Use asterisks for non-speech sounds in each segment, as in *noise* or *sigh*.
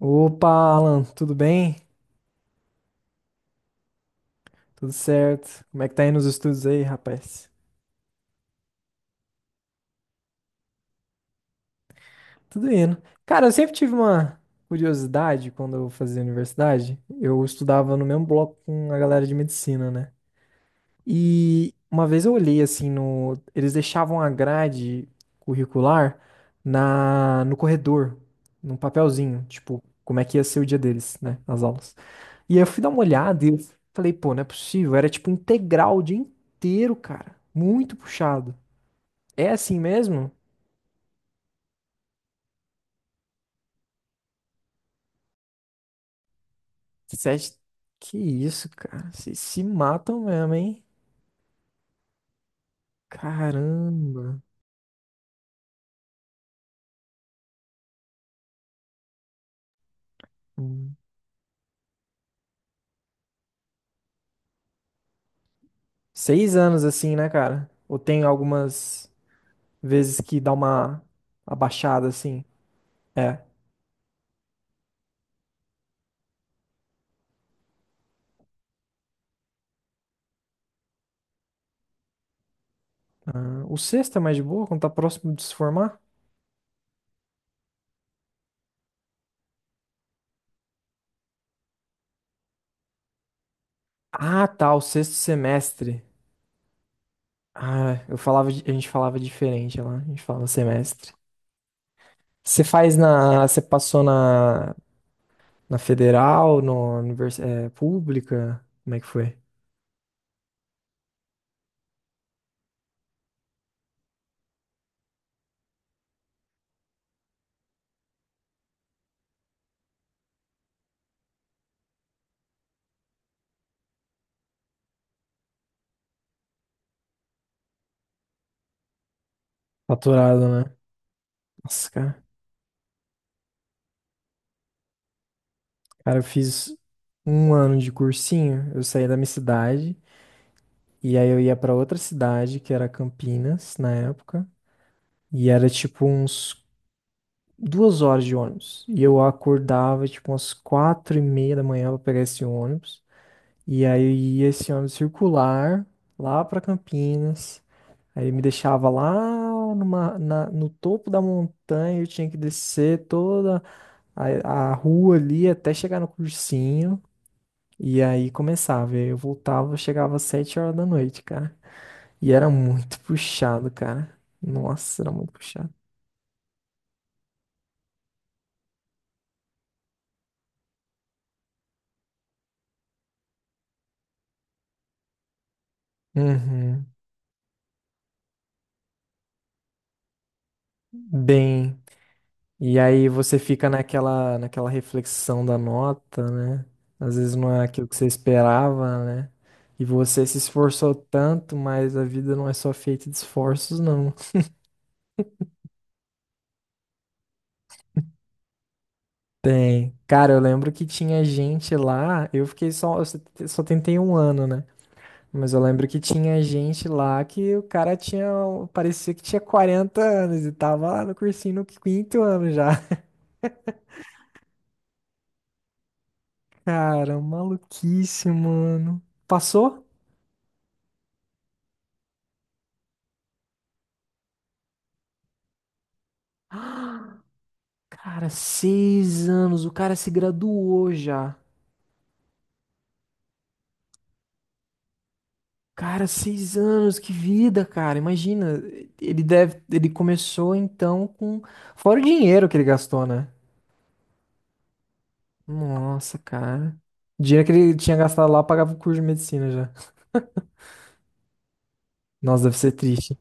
Opa, Alan, tudo bem? Tudo certo? Como é que tá indo os estudos aí, rapaz? Tudo indo. Cara, eu sempre tive uma curiosidade quando eu fazia universidade. Eu estudava no mesmo bloco com a galera de medicina, né? E uma vez eu olhei assim no, eles deixavam a grade curricular na no corredor, num papelzinho, tipo, como é que ia ser o dia deles, né, as aulas. E aí eu fui dar uma olhada e eu falei, pô, não é possível. Era tipo um integral o dia inteiro, cara. Muito puxado. É assim mesmo? Sete... Que isso, cara. Vocês se matam mesmo, hein? Caramba. Hum. Seis anos assim, né, cara? Ou tem algumas vezes que dá uma abaixada assim? É. Ah, o sexto é mais de boa, quando tá próximo de se formar? Ah, tá, o sexto semestre. Ah, eu falava, a gente falava diferente lá. A gente falava semestre. Você faz na. Você passou na, na federal, no univers, é, pública? Como é que foi? Faturado, né? Nossa, cara. Cara, eu fiz um ano de cursinho. Eu saí da minha cidade. E aí eu ia pra outra cidade, que era Campinas, na época. E era tipo uns duas horas de ônibus. E eu acordava tipo umas quatro e meia da manhã pra pegar esse ônibus. E aí eu ia esse ônibus circular lá pra Campinas. Aí me deixava lá no topo da montanha, eu tinha que descer toda a rua ali até chegar no cursinho. E aí começava. Aí eu voltava, eu chegava às sete horas da noite, cara. E era muito *laughs* puxado, cara. Nossa, era muito puxado. Uhum. Bem. E aí você fica naquela reflexão da nota, né? Às vezes não é aquilo que você esperava, né? E você se esforçou tanto, mas a vida não é só feita de esforços, não. Tem. Cara, eu lembro que tinha gente lá, eu fiquei só, eu só só tentei um ano, né? Mas eu lembro que tinha gente lá que o cara tinha, parecia que tinha 40 anos e tava lá no cursinho no quinto ano já. *laughs* Cara, maluquice, mano. Passou? Cara, seis anos, o cara se graduou já. Cara, seis anos, que vida, cara. Imagina, ele deve, ele começou então com, fora o dinheiro que ele gastou, né? Nossa, cara. O dinheiro que ele tinha gastado lá pagava o curso de medicina já. Nossa, deve ser triste.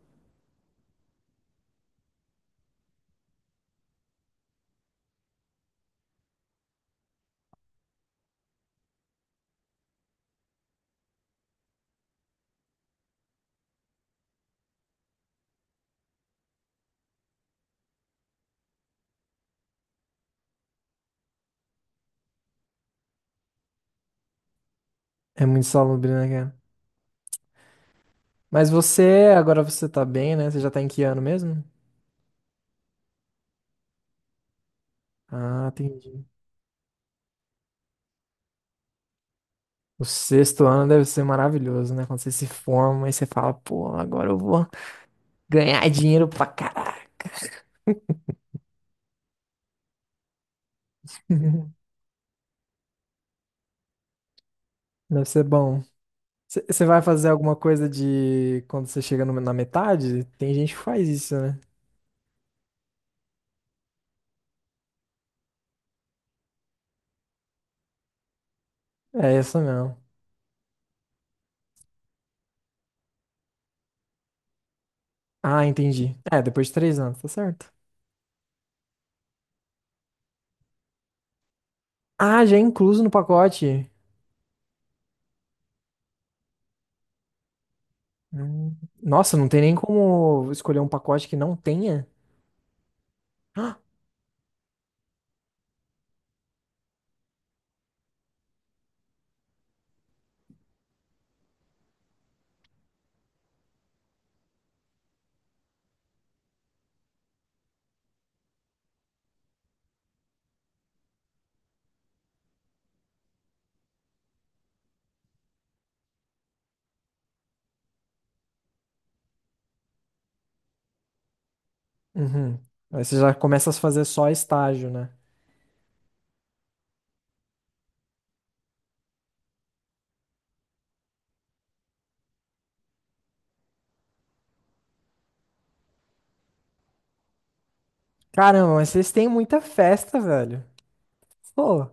É muito salubre, né, cara? Mas você, agora você tá bem, né? Você já tá em que ano mesmo? Ah, entendi. O sexto ano deve ser maravilhoso, né? Quando você se forma e você fala, pô, agora eu vou ganhar dinheiro pra caralho. *laughs* Deve ser bom. Você vai fazer alguma coisa de quando você chega na metade? Tem gente que faz isso, né? É essa mesmo. Ah, entendi. É, depois de três anos, tá certo. Ah, já é incluso no pacote. Hum. Nossa, não tem nem como escolher um pacote que não tenha? *gasps* Uhum. Aí você já começa a fazer só estágio, né? Caramba, mas vocês têm muita festa, velho. Pô,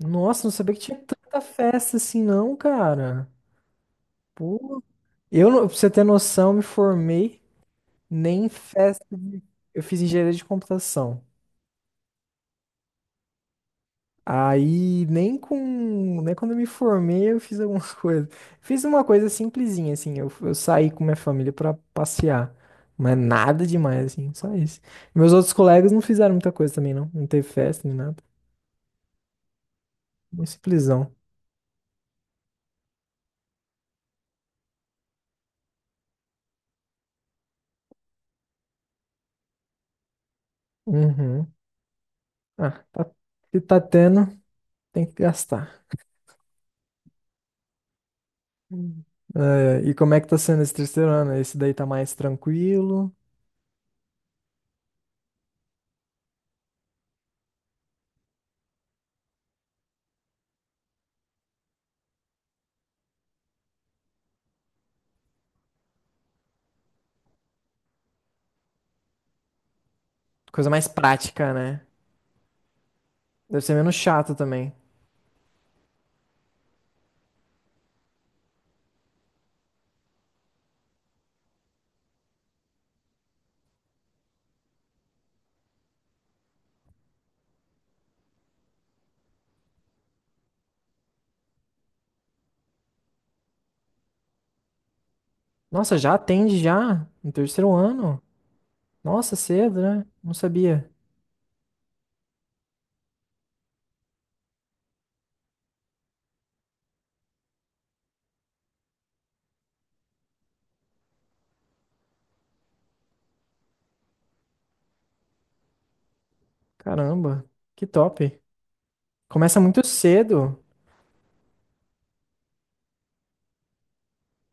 nossa, não sabia que tinha tanta festa assim, não, cara. Pô, eu, não- pra você ter noção, eu me formei nem em festa de... Eu fiz engenharia de computação. Aí, nem com... Nem quando eu me formei, eu fiz algumas *laughs* coisas. Fiz uma coisa simplesinha, assim. Eu saí com minha família pra passear. Mas nada demais, assim. Só isso. Meus outros colegas não fizeram muita coisa também, não. Não teve festa, nem nada. Muito simplesão. Uhum. Ah, tá, se tá tendo, tem que gastar. Hum. É, e como é que tá sendo esse terceiro ano? Esse daí tá mais tranquilo, coisa mais prática, né? Deve ser menos chato também. Nossa, já atende já no terceiro ano? Nossa, cedo, né? Não sabia. Caramba, que top. Começa muito cedo.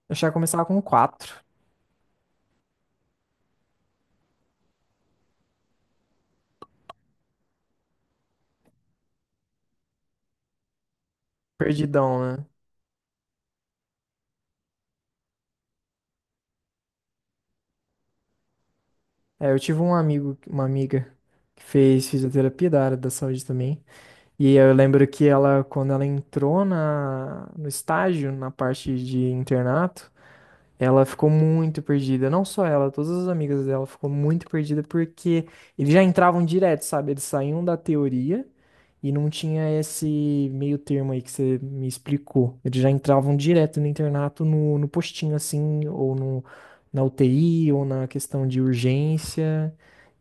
Eu já começava com quatro. Perdidão, né? É, eu tive um amigo, uma amiga que fez fisioterapia da área da saúde também. E eu lembro que ela, quando ela entrou no estágio, na parte de internato, ela ficou muito perdida, não só ela, todas as amigas dela ficou muito perdida porque eles já entravam direto, sabe? Eles saíam da teoria e não tinha esse meio termo aí que você me explicou. Eles já entravam direto no internato, no postinho assim, ou no, na UTI, ou na questão de urgência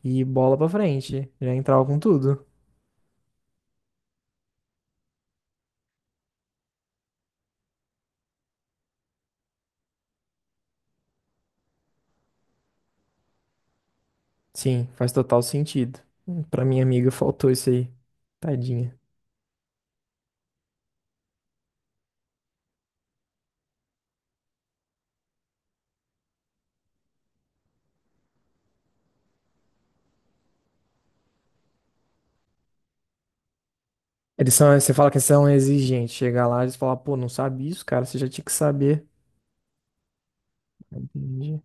e bola pra frente. Já entravam com tudo. Sim, faz total sentido. Pra minha amiga faltou isso aí. Tadinha. Eles são, você fala que eles são exigentes. Chega lá, eles falam, pô, não sabe isso, cara, você já tinha que saber. Entendi.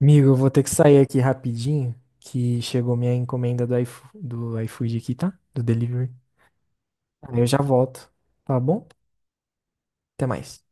Amigo, eu vou ter que sair aqui rapidinho, que chegou minha encomenda do iFood, aqui, tá? Do delivery. Aí eu já volto, tá bom? Até mais.